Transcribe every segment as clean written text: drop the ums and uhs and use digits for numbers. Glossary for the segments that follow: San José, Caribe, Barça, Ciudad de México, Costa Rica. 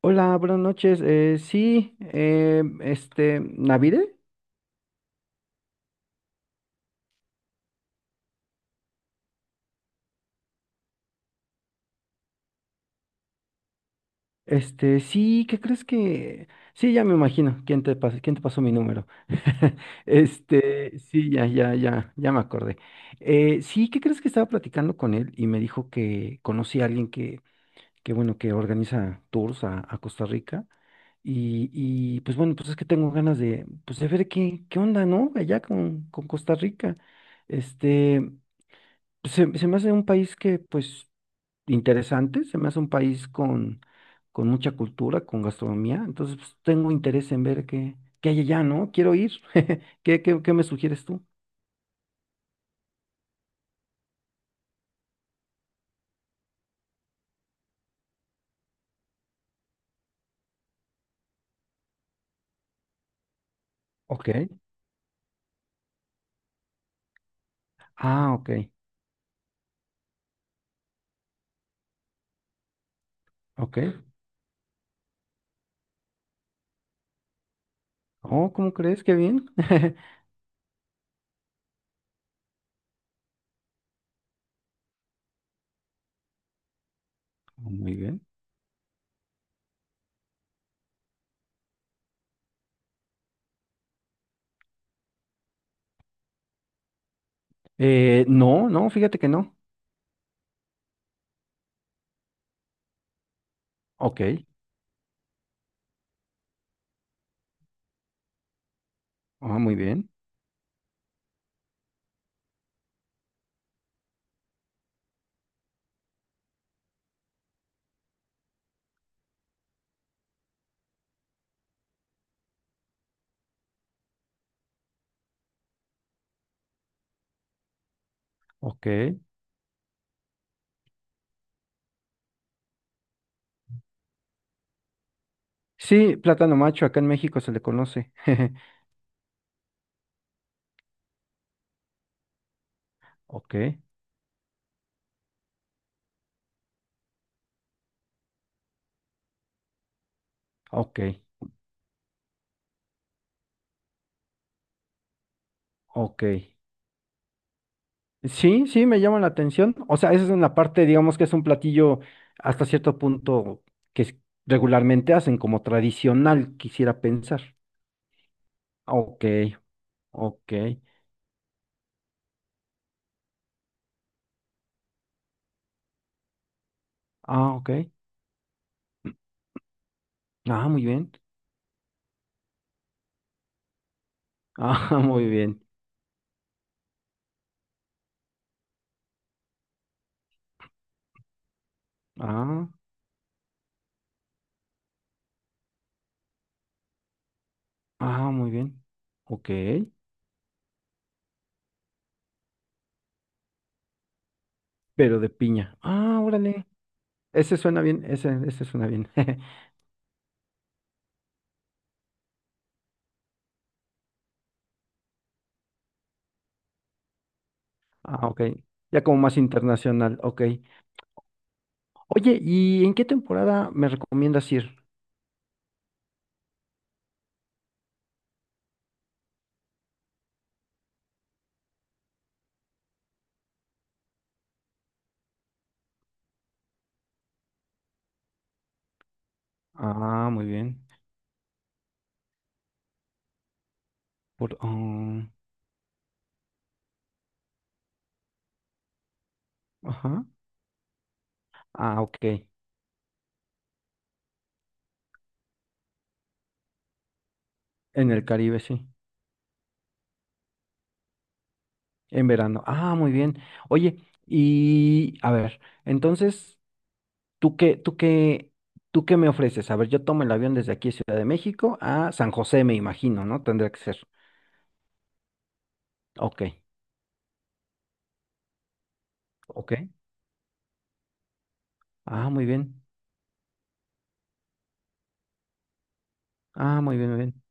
Hola, buenas noches. ¿Navide? Sí, ¿qué crees que...? Sí, ya me imagino. Quién te pasó mi número? Sí, ya me acordé. Sí, ¿qué crees que estaba platicando con él y me dijo que conocí a alguien que bueno, que organiza tours a Costa Rica y pues bueno, pues es que tengo ganas de, pues de ver qué, qué onda, ¿no? Allá con Costa Rica. Este... se me hace un país que, pues, interesante, se me hace un país con mucha cultura, con gastronomía, entonces pues, tengo interés en ver qué, qué hay allá, ¿no? Quiero ir. ¿Qué, qué, qué me sugieres tú? Ok. Ah, ok, ok. Oh, ¿cómo crees? Qué bien. Muy bien. No, no, fíjate que no. Ok. Ah, muy bien. Ok. Sí, plátano macho, acá en México se le conoce. Ok, ok, ok. Sí, sí, me llama la atención. O sea, esa es en la parte, digamos que es un platillo hasta cierto punto que es- regularmente hacen como tradicional, quisiera pensar. Ok, ok. Ah, ok. Ah, muy bien. Ah, muy bien. Ah, ah, muy bien. Ok. Pero de piña. Ah, órale. Ese suena bien, ese suena bien. Ah, ok. Ya como más internacional, ok. Oye, ¿y en qué temporada me recomiendas ir? Ah, muy bien. Por, ah, ajá. Ah, ok. En el Caribe, sí. En verano. Ah, muy bien. Oye, y a ver, entonces, ¿tú qué, tú qué, ¿tú qué me ofreces? A ver, yo tomo el avión desde aquí, Ciudad de México, a San José, me imagino, ¿no? Tendría que ser. Ok, ok. Ah, muy bien. Ah, muy bien, muy bien.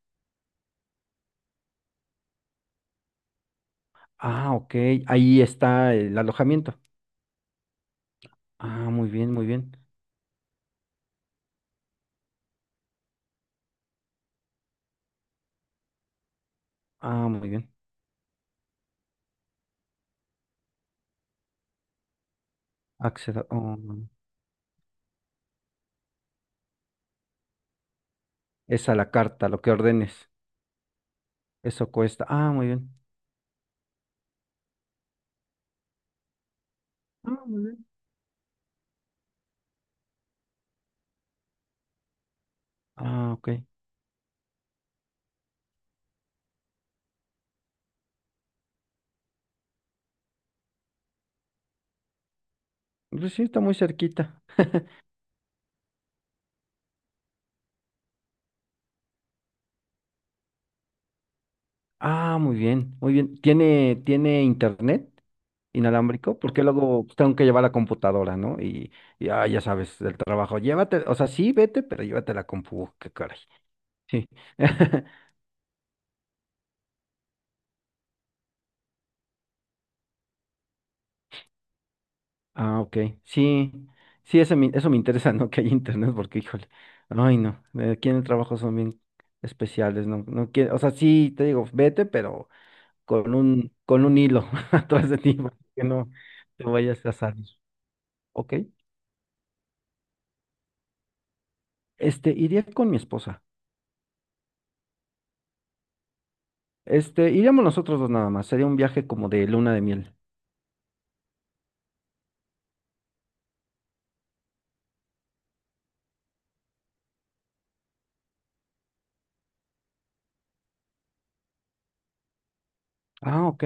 Ah, ok. Ahí está el alojamiento. Ah, muy bien, muy bien. Ah, muy bien. Acceda. Oh, es a la carta, lo que ordenes. Eso cuesta. Ah, muy bien. Ah, muy bien. Ah, ok. Pues sí, está muy cerquita. Ah, muy bien, muy bien. ¿Tiene, tiene internet inalámbrico? Porque luego pues, tengo que llevar la computadora, ¿no? Y ah, ya sabes, el trabajo. Llévate, o sea, sí, vete, pero llévate la compu. Qué caray. Sí. Ah, ok. Sí, sí, eso me interesa, ¿no? Que haya internet, porque, híjole. Ay, no. Aquí en el trabajo son bien especiales, ¿no? No quiero, o sea, sí, te digo, vete, pero con un hilo atrás de ti, para que no te vayas a salir. Ok, iría con mi esposa. Iríamos nosotros dos nada más. Sería un viaje como de luna de miel. Ah, ok.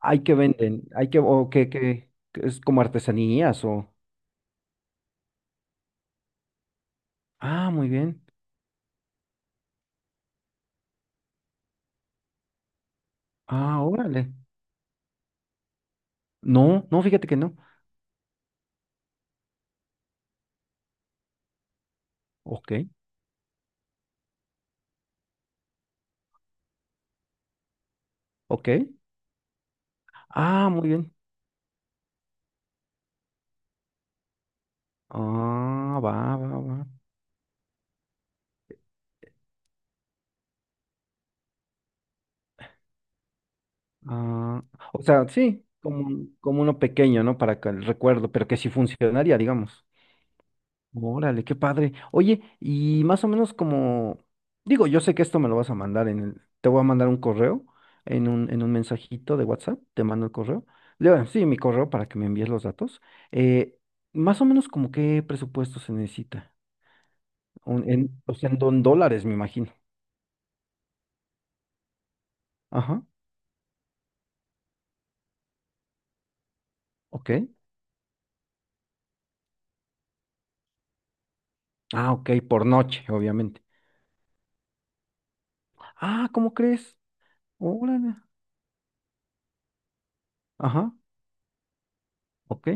Hay que venden, hay que, o que, que es como artesanías o. Ah, muy bien. Ah, órale. No, no, fíjate que no. Ok, ok. Ah, muy bien. Ah, va, va, va. Ah, o sea, sí, como, como uno pequeño, ¿no? Para que el recuerdo, pero que sí funcionaría, digamos. Órale, qué padre. Oye, y más o menos como, digo, yo sé que esto me lo vas a mandar en el, te voy a mandar un correo, en un mensajito de WhatsApp, te mando el correo. Bueno, sí, mi correo para que me envíes los datos. Eh, más o menos como qué presupuesto se necesita. Un- en, o sea, en don- dólares, me imagino. Ajá, ok. Ah, ok, por noche, obviamente. Ah, ¿cómo crees? Órale. Ajá, ok.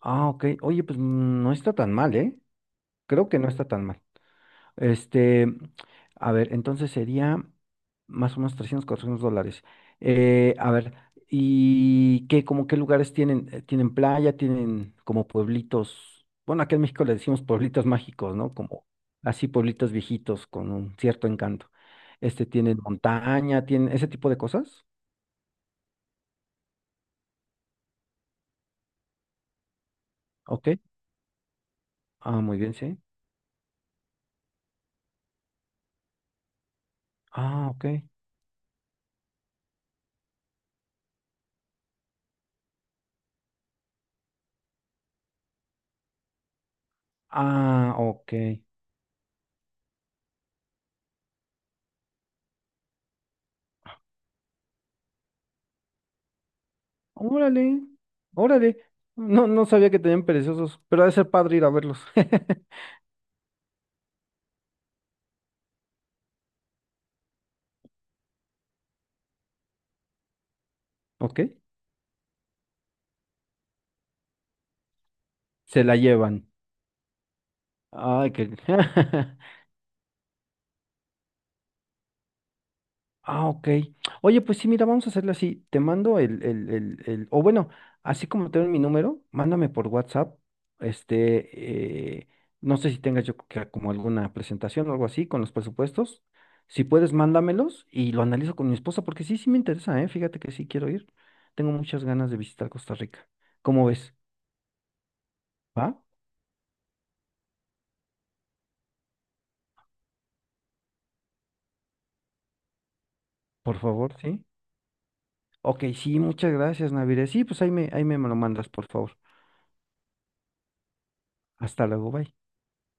Ah, ok. Oye, pues no está tan mal, ¿eh? Creo que no está tan mal. Este, a ver, entonces sería más o menos 300 $400. A ver, ¿y qué, como qué lugares tienen? ¿Tienen playa? ¿Tienen como pueblitos? Bueno, acá en México le decimos pueblitos mágicos, ¿no? Como así pueblitos viejitos con un cierto encanto. ¿Tienen montaña? ¿Tienen ese tipo de cosas? Ok. Ah, muy bien, sí. Ah, ok. Ah, ok. Órale, órale. No, no sabía que tenían perezosos, pero ha de ser padre ir a verlos. ¿Ok? Se la llevan. Ay, qué... Ah, ok. Oye, pues sí, mira, vamos a hacerlo así. Te mando o bueno, así como tengo mi número, mándame por WhatsApp. Este, eh, no sé si tengas como alguna presentación o algo así con los presupuestos. Si puedes, mándamelos y lo analizo con mi esposa, porque sí, sí me interesa, ¿eh? Fíjate que sí quiero ir. Tengo muchas ganas de visitar Costa Rica. ¿Cómo ves? ¿Va? Por favor, sí. Ok, sí, muchas gracias, Navire. Sí, pues ahí me lo mandas, por favor. Hasta luego, bye.